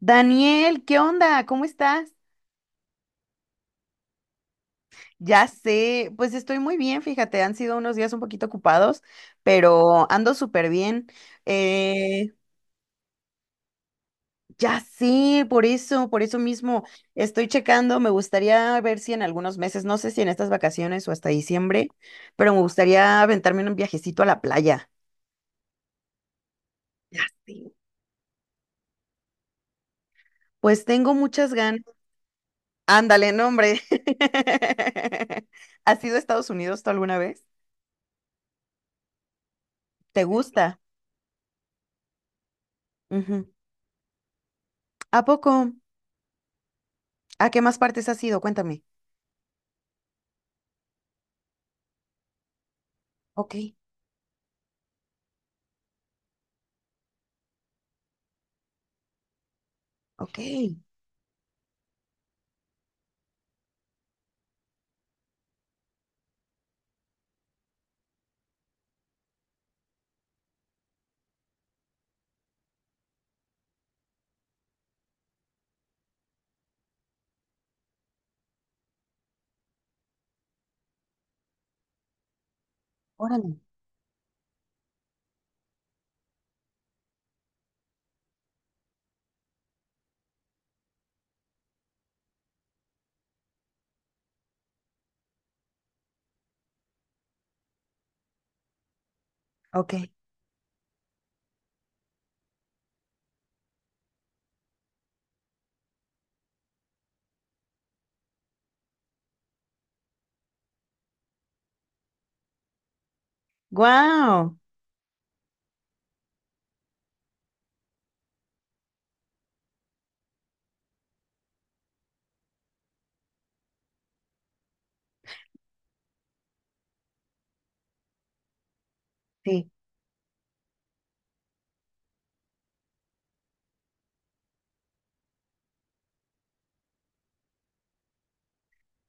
Daniel, ¿qué onda? ¿Cómo estás? Ya sé, pues estoy muy bien, fíjate, han sido unos días un poquito ocupados, pero ando súper bien. Eh, ya sé, por eso mismo estoy checando, me gustaría ver si en algunos meses, no sé si en estas vacaciones o hasta diciembre, pero me gustaría aventarme un viajecito a la playa. Ya sé. Pues tengo muchas ganas. Ándale, no, hombre. ¿Has ido a Estados Unidos tú alguna vez? ¿Te gusta? Ujú. ¿A poco? ¿A qué más partes has ido? Cuéntame. Ok, ok, órale. Ok. Wow.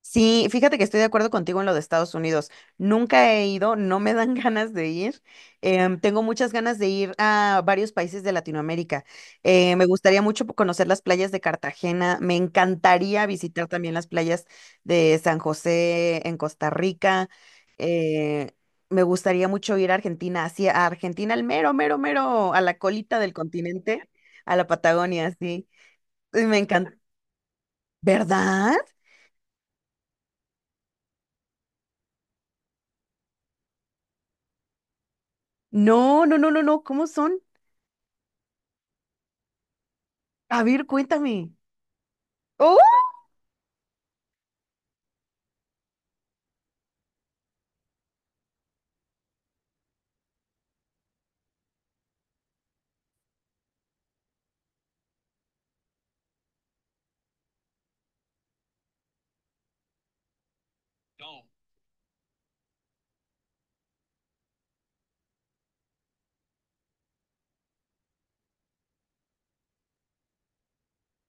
Sí, fíjate que estoy de acuerdo contigo en lo de Estados Unidos. Nunca he ido, no me dan ganas de ir. Tengo muchas ganas de ir a varios países de Latinoamérica. Me gustaría mucho conocer las playas de Cartagena. Me encantaría visitar también las playas de San José en Costa Rica. Eh, me gustaría mucho ir a Argentina, hacia a Argentina, al mero, mero, mero, a la colita del continente, a la Patagonia, sí. Me encanta. ¿Verdad? No, no, no, no, no. ¿Cómo son? A ver, cuéntame. ¡Oh!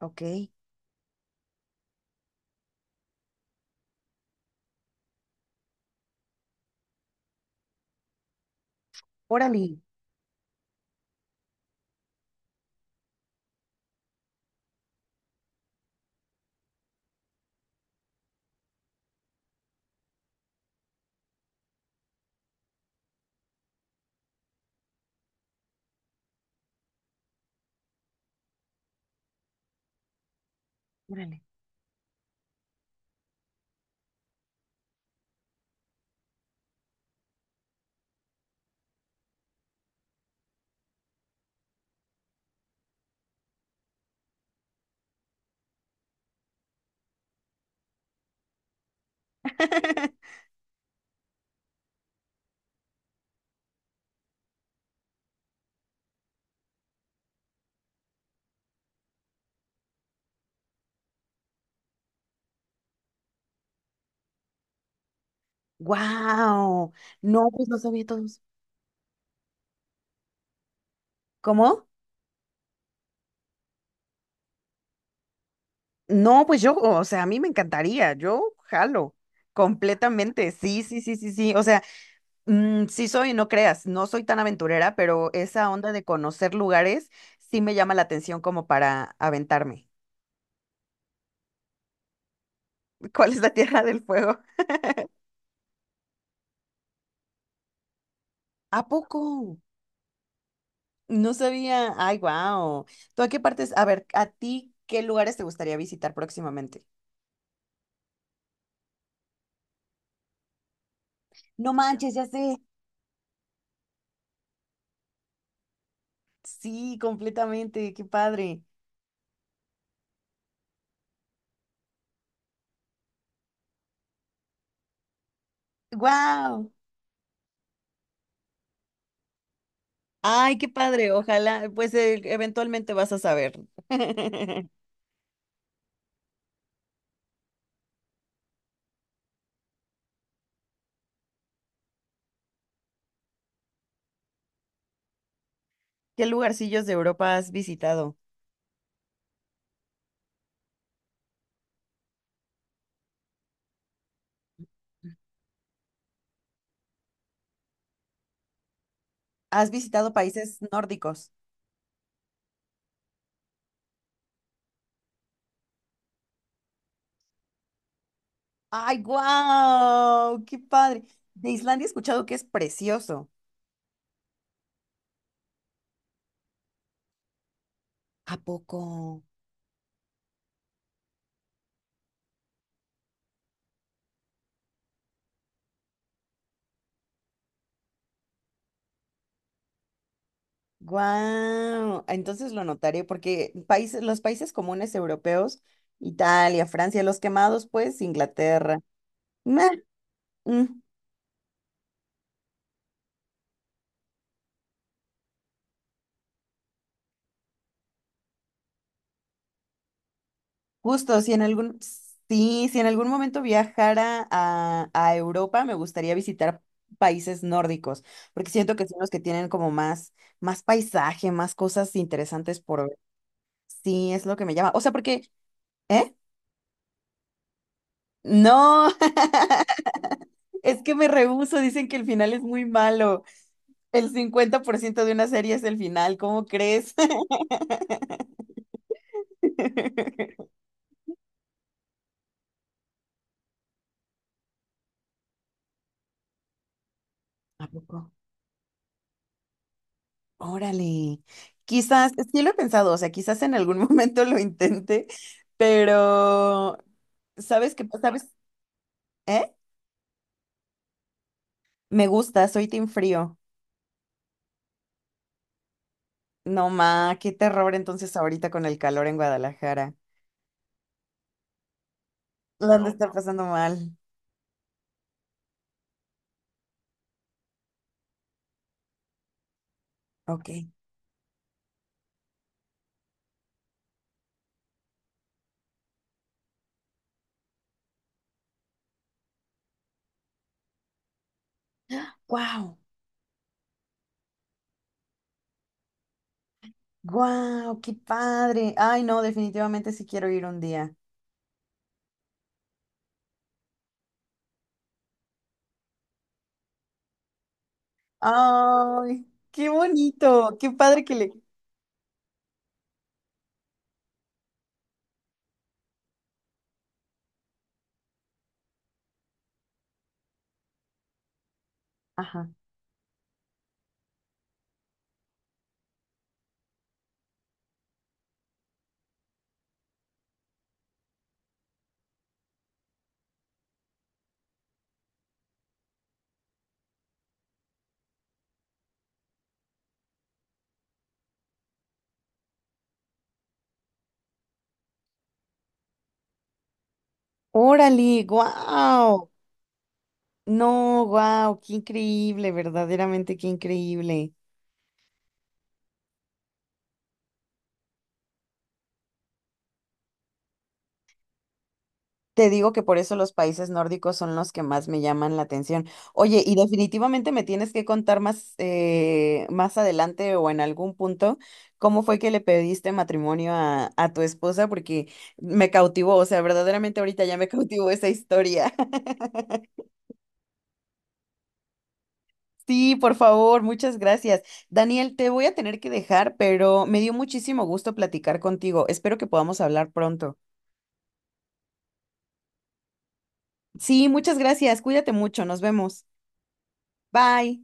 Ok, órale, órale. Wow. No, pues no sabía todos. ¿Cómo? No, pues yo, o sea, a mí me encantaría, yo jalo completamente. Sí, sí, sí, sí, sí. O sea, mm, sí soy, no creas, no soy tan aventurera, pero esa onda de conocer lugares sí me llama la atención como para aventarme. ¿Cuál es la Tierra del Fuego? ¿A poco? No sabía. Ay, wow. ¿Tú a qué partes? A ver, ¿a ti qué lugares te gustaría visitar próximamente? No manches, ya sé. Sí, completamente. Qué padre. Wow. Ay, qué padre. Ojalá, pues eventualmente vas a saber. ¿Qué lugarcillos de Europa has visitado? ¿Has visitado países nórdicos? Ay, wow. Qué padre. De Islandia he escuchado que es precioso. ¿A poco? Guau, entonces lo notaré porque países, los países comunes europeos, Italia, Francia, los quemados, pues Inglaterra. Meh, mm, justo, si en algún, sí, si en algún momento viajara a Europa, me gustaría visitar países nórdicos, porque siento que son los que tienen como más, más paisaje, más cosas interesantes por ver. Sí, es lo que me llama. O sea, porque, ¿eh? No, es que me rehúso, dicen que el final es muy malo. El 50% de una serie es el final, ¿cómo crees? ¿A poco? Órale. Quizás, sí lo he pensado, o sea, quizás en algún momento lo intente, pero ¿sabes qué? ¿Sabes? ¿Eh? Me gusta, soy team frío. No, ma, qué terror entonces ahorita con el calor en Guadalajara. La han de estar pasando mal. Ok. Wow, wow, ¡qué padre! Ay, no, definitivamente sí quiero ir un día. ¡Ay! ¡Qué bonito! ¡Qué padre que le ajá! Órale, guau. No, guau, qué increíble, verdaderamente qué increíble. Te digo que por eso los países nórdicos son los que más me llaman la atención. Oye, y definitivamente me tienes que contar más, más adelante o en algún punto cómo fue que le pediste matrimonio a tu esposa, porque me cautivó, o sea, verdaderamente ahorita ya me cautivó esa historia. Sí, por favor, muchas gracias. Daniel, te voy a tener que dejar, pero me dio muchísimo gusto platicar contigo. Espero que podamos hablar pronto. Sí, muchas gracias. Cuídate mucho. Nos vemos. Bye.